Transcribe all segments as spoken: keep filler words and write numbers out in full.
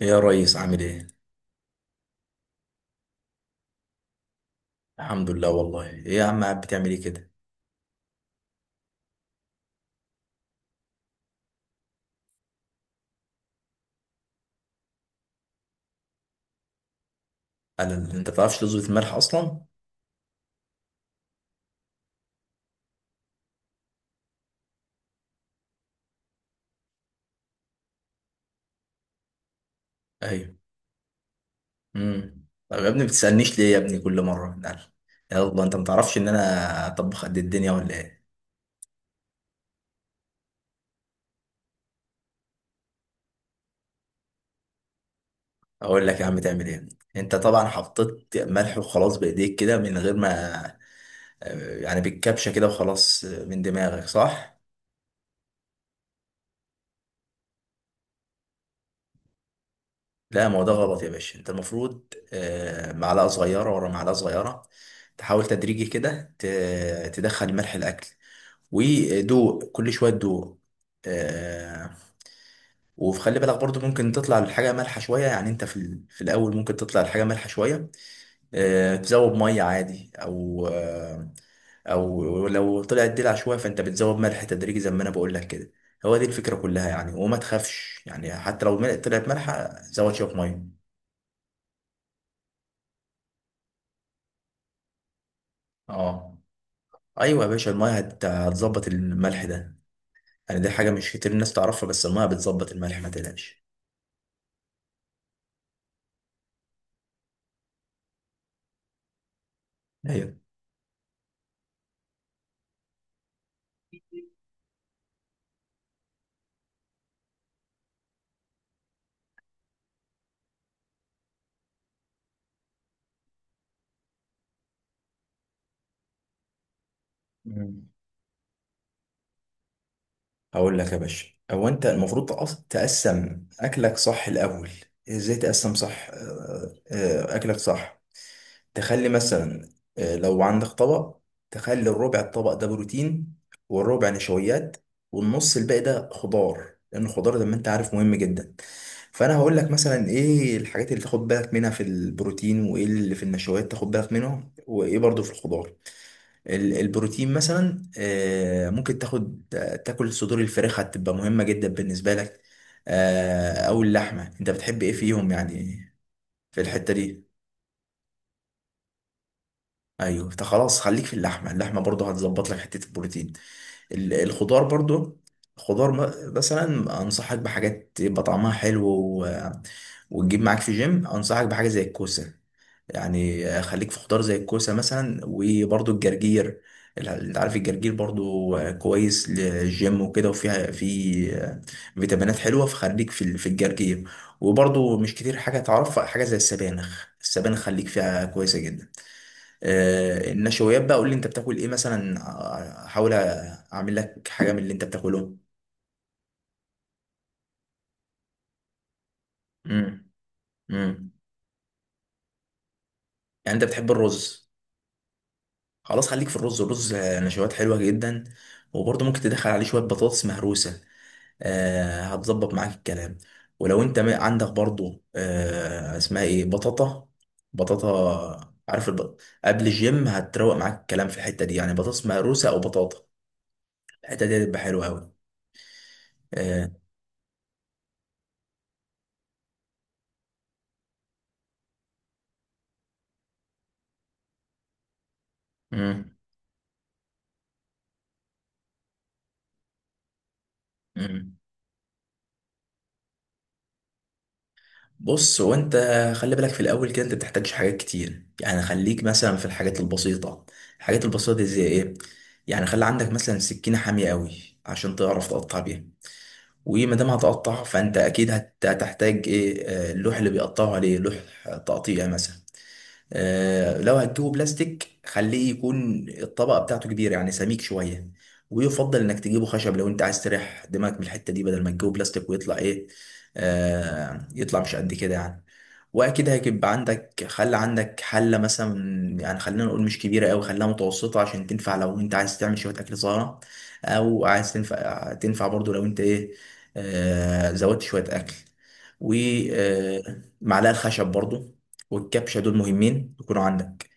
يا ريس، عامل ايه؟ الحمد لله. والله ايه يا عم، قاعد بتعمل ايه كده؟ قال ال- انت بتعرفش تظبط الملح اصلا؟ ايوه. امم طب يا ابني بتسألنيش ليه يا ابني كل مرة؟ قال، يلا انت ما تعرفش ان انا اطبخ قد الدنيا ولا ايه؟ اقول لك يا عم تعمل ايه؟ انت طبعا حطيت ملح وخلاص بايديك كده من غير ما آه، يعني بالكبشة كده وخلاص، آه، من دماغك، صح؟ لا، ما هو ده غلط يا باشا، انت المفروض آه، معلقة صغيرة ورا معلقة صغيرة، تحاول تدريجي كده ت- تدخل ملح الاكل، ودوق كل شويه تدوق. آه. وخلي بالك برضو ممكن تطلع الحاجه مالحه شويه، يعني انت في، ال- في الاول ممكن تطلع الحاجه مالحه شويه. آه، تزود ميه عادي. او آه او لو طلعت دلع شويه، فانت بتزود ملح تدريجي زي ما انا بقول لك كده. هو دي الفكره كلها يعني. وما تخافش، يعني حتى لو مل- طلعت مالحه، زود شويه ميه. اه. ايوه يا باشا، الميه هت- هتظبط الملح ده. يعني دي حاجه مش كتير الناس تعرفها، بس الميه بتظبط الملح، ما تقلقش. ايوه. مم. هقول لك يا باشا، هو انت المفروض تقص- تقسم اكلك صح الاول. ازاي تقسم صح؟ آه، آه، اكلك صح، تخلي مثلا، آه، لو عندك طبق، تخلي الربع الطبق ده بروتين، والربع نشويات، والنص الباقي ده خضار. لان الخضار زي ما انت عارف مهم جدا. فانا هقول لك مثلا ايه الحاجات اللي تاخد بالك منها في البروتين، وايه اللي في النشويات تاخد بالك منها، وايه برضو في الخضار. ال- البروتين مثلا، آه، ممكن تاخد، تاكل صدور الفراخ، هتبقى مهمة جدا بالنسبة لك. آه، او اللحمة، انت بتحب ايه فيهم يعني، في الحتة دي؟ ايوه، انت خلاص، خليك في اللحمة. اللحمة برضه هتظبط لك حتة البروتين. ال- الخضار برضه، خضار م- مثلا انصحك بحاجات يبقى طعمها حلو، و... وتجيب معاك في جيم. انصحك بحاجة زي الكوسة، يعني خليك في خضار زي الكوسة مثلا، وبرضو الجرجير. انت عارف الجرجير برضو كويس للجيم وكده، وفيها في فيتامينات حلوة، فخليك في ال- في الجرجير. وبرضو مش كتير حاجة تعرفها، حاجة زي السبانخ، السبانخ خليك فيها كويسة جدا. آه، النشويات بقى، قول لي انت بتاكل ايه مثلا، آه، احاول اعمل لك حاجة من اللي انت بتاكله. امم امم يعني انت بتحب الرز؟ خلاص، خليك في الرز. الرز آه، نشويات حلوة جدا. وبرضه ممكن تدخل عليه شوية بطاطس مهروسة. آه، هتظبط معاك الكلام. ولو انت م- عندك برضو آه اسمها ايه، بطاطا. بطاطا، عارف البط... قبل الجيم هتروق معاك الكلام في الحتة دي، يعني بطاطس مهروسة او بطاطا. الحتة دي هتبقى حلوة قوي. آه. مم. مم. بص، هو انت خلي بالك في الاول كده، انت بتحتاجش حاجات كتير، يعني خليك مثلا في الحاجات البسيطة. الحاجات البسيطة دي زي ايه؟ يعني خلي عندك مثلا سكينة حامية قوي، عشان تعرف تقطع بيها. وايه ما دام هتقطع، فانت اكيد هت- هتحتاج ايه، آه، اللوح اللي بيقطعوا عليه، لوح تقطيع مثلا. آه، لو هتجيبه بلاستيك، خليه يكون الطبقه بتاعته كبيره، يعني سميك شويه. ويفضل انك تجيبه خشب لو انت عايز تريح دماغك من الحته دي، بدل ما تجيبه بلاستيك ويطلع ايه، آه، يطلع مش قد كده يعني. واكيد هيبقى عندك، خلى عندك حله مثلا. يعني خلينا نقول مش كبيره قوي، خليها متوسطه، عشان تنفع لو انت عايز تعمل شويه اكل صغيره، او عايز تنفع، تنفع برضو لو انت ايه، آه، زودت شويه اكل. ومعلقه الخشب برضو، والكبشه، دول مهمين يكونوا عندك.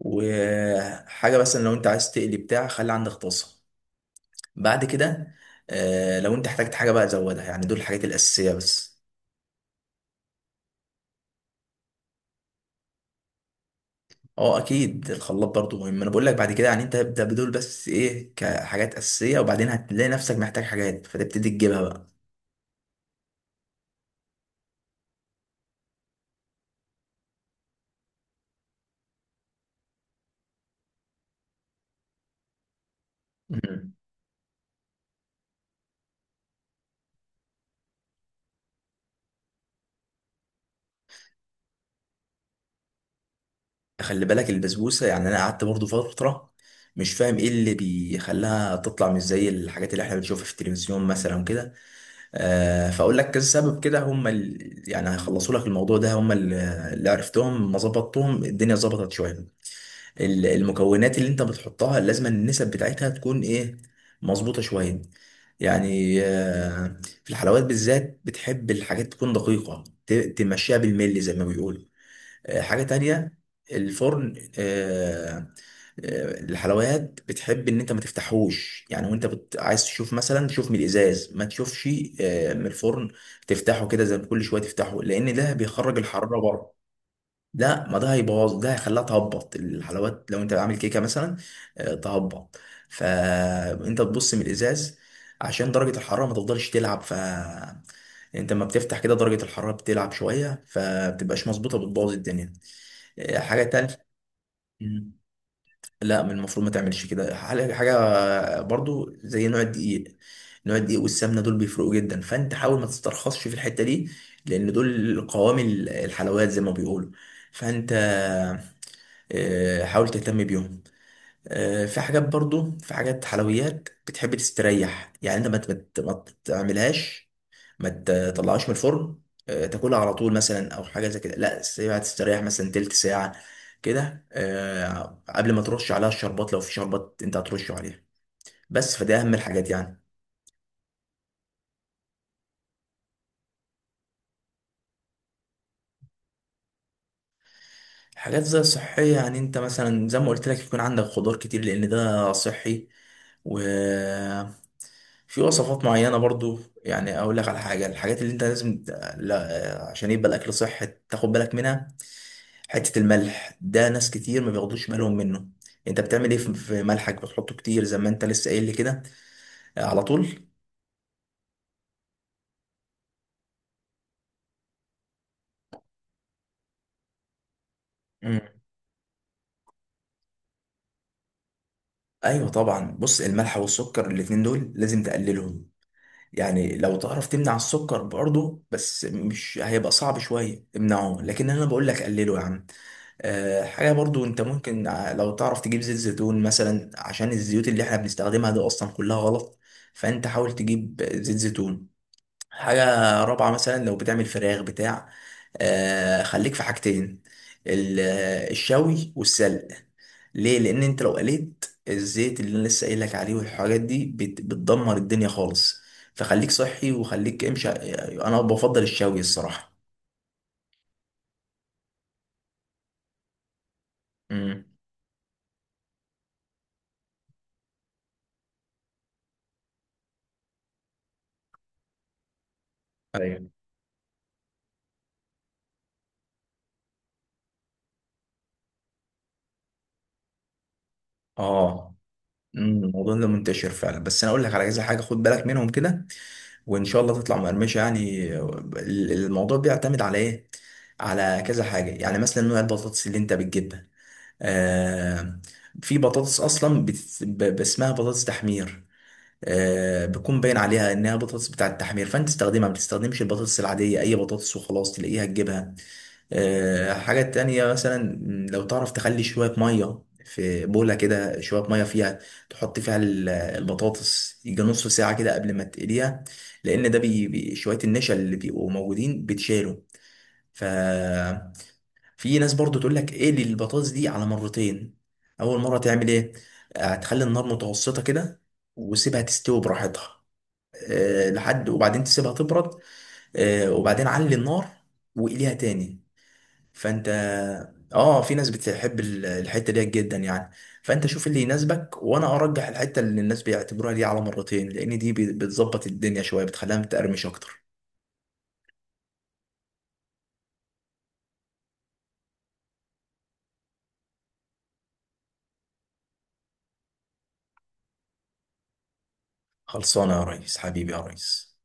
وحاجه مثلا لو انت عايز تقلي بتاع، خلي عندك طاسه. بعد كده، آه، لو انت احتجت حاجه بقى زودها. يعني دول الحاجات الاساسيه بس. اه، اكيد الخلاط برضو مهم، انا بقول لك بعد كده. يعني انت ابدا بدول بس ايه، كحاجات اساسيه، وبعدين هتلاقي نفسك محتاج حاجات فتبتدي تجيبها بقى. مم. خلي بالك البسبوسه، يعني انا قعدت برضو فتره مش فاهم ايه اللي بيخليها تطلع مش زي الحاجات اللي احنا بنشوفها في التلفزيون مثلا كده. آه، فاقول لك كذا سبب كده، هم ال... يعني هيخلصوا لك الموضوع ده. هم اللي اللي عرفتهم، ما ظبطتهم الدنيا، ظبطت شويه. ال- المكونات اللي انت بتحطها، لازم النسب بتاعتها تكون ايه، مظبوطة شوية. يعني آه، في الحلويات بالذات، بتحب الحاجات تكون دقيقة، ت- تمشيها بالملي زي ما بيقولوا. آه، حاجة تانية، الفرن. آه، آه، الحلويات بتحب ان انت ما تفتحوش، يعني وانت بت... عايز تشوف مثلا، تشوف من الازاز، ما تشوفش آه، من الفرن. تفتحه كده زي كل شويه تفتحه، لان ده بيخرج الحراره بره. لا، ما ده هيبوظ، ده هيخليها تهبط الحلويات لو انت عامل كيكه مثلا، آه، تهبط. فانت تبص من الازاز، عشان درجه الحراره ما تفضلش تلعب. فانت لما بتفتح كده، درجه الحراره بتلعب شويه، فبتبقاش مظبوطه، بتبوظ الدنيا. آه، حاجه تانية. مم. لا، من المفروض ما تعملش كده. حاجه حاجة برضو زي نوع الدقيق. نوع الدقيق والسمنه دول بيفرقوا جدا، فانت حاول ما تسترخصش في الحته دي، لان دول قوام الحلويات زي ما بيقولوا. فانت آه، حاول تهتم بيهم. آه، في حاجات برضو، في حاجات حلويات بتحب تستريح، يعني انت ما ت- ما ت- ما تعملهاش، ما تطلعهاش من الفرن، آه، تاكلها على طول مثلا، او حاجه زي كده. لا، سيبها تستريح مثلا تلت ساعه كده، آه، قبل ما ترش عليها الشربات، لو في شربات انت هترشه عليها. بس، فده اهم الحاجات يعني. حاجات زي الصحيه، يعني انت مثلا زي ما قلت لك يكون عندك خضار كتير، لان ده صحي. و... في وصفات معينة برضو، يعني أقول لك على حاجة، الحاجات اللي أنت لازم ت- لا، عشان يبقى الأكل صحي، تاخد بالك منها. حتة الملح ده، ناس كتير ما بياخدوش بالهم منه. أنت بتعمل إيه في في ملحك، بتحطه كتير زي ما أنت لسه قايل لي كده، آه، على طول؟ مم. أيوه طبعا، بص، الملح والسكر الاتنين دول لازم تقللهم. يعني لو تعرف تمنع السكر برضه، بس مش هيبقى صعب شوية، امنعه. لكن أنا بقول لك قلله يا عم. آه، حاجة برضو انت ممكن ع- لو تعرف تجيب زيت زيتون مثلا، عشان الزيوت اللي احنا بنستخدمها دي اصلا كلها غلط. فانت حاول تجيب زيت زيتون. حاجة رابعة، مثلا لو بتعمل فراخ بتاع، آه، خليك في حاجتين، ال- الشوي والسلق. ليه؟ لان انت لو قليت، الزيت اللي انا لسه قايل لك عليه والحاجات دي بت- بتدمر الدنيا خالص. فخليك صحي وخليك امشي. انا بفضل الشوي الصراحة. امم. ايوه. اه. مم، الموضوع ده منتشر فعلا، بس انا اقول لك على كذا حاجه خد بالك منهم كده، وان شاء الله تطلع مقرمشه. يعني ال- الموضوع بيعتمد على ايه؟ على كذا حاجه. يعني مثلا نوع البطاطس اللي انت بتجيبها. آه، في بطاطس اصلا بت- ب- ب- اسمها بطاطس تحمير. آه، بيكون باين عليها انها بطاطس بتاعه التحمير، فانت تستخدمها، ما بتستخدمش البطاطس العاديه، اي بطاطس وخلاص تلاقيها تجيبها. آه، حاجة تانية مثلا، لو تعرف تخلي شوية مية في بولة كده، شوية مية فيها، تحط فيها ال- البطاطس، يجي نص ساعة كده قبل ما تقليها. لأن ده بي بي- شوية النشا اللي بيبقوا موجودين بتشالوا. ففي ناس برضو تقول لك اقلي البطاطس دي على مرتين. أول مرة تعمل إيه؟ هتخلي النار متوسطة كده، وسيبها تستوي براحتها، آه، لحد، وبعدين تسيبها تبرد. آه، وبعدين علي النار، وقليها تاني. فانت، اه في ناس بتحب ال- الحته ديت جدا يعني. فانت شوف اللي يناسبك، وانا ارجح الحته اللي الناس بيعتبروها دي على مرتين، لان دي بت- بتظبط الدنيا شويه، بتخليها متقرمش اكتر. خلصانه يا ريس، حبيبي يا ريس.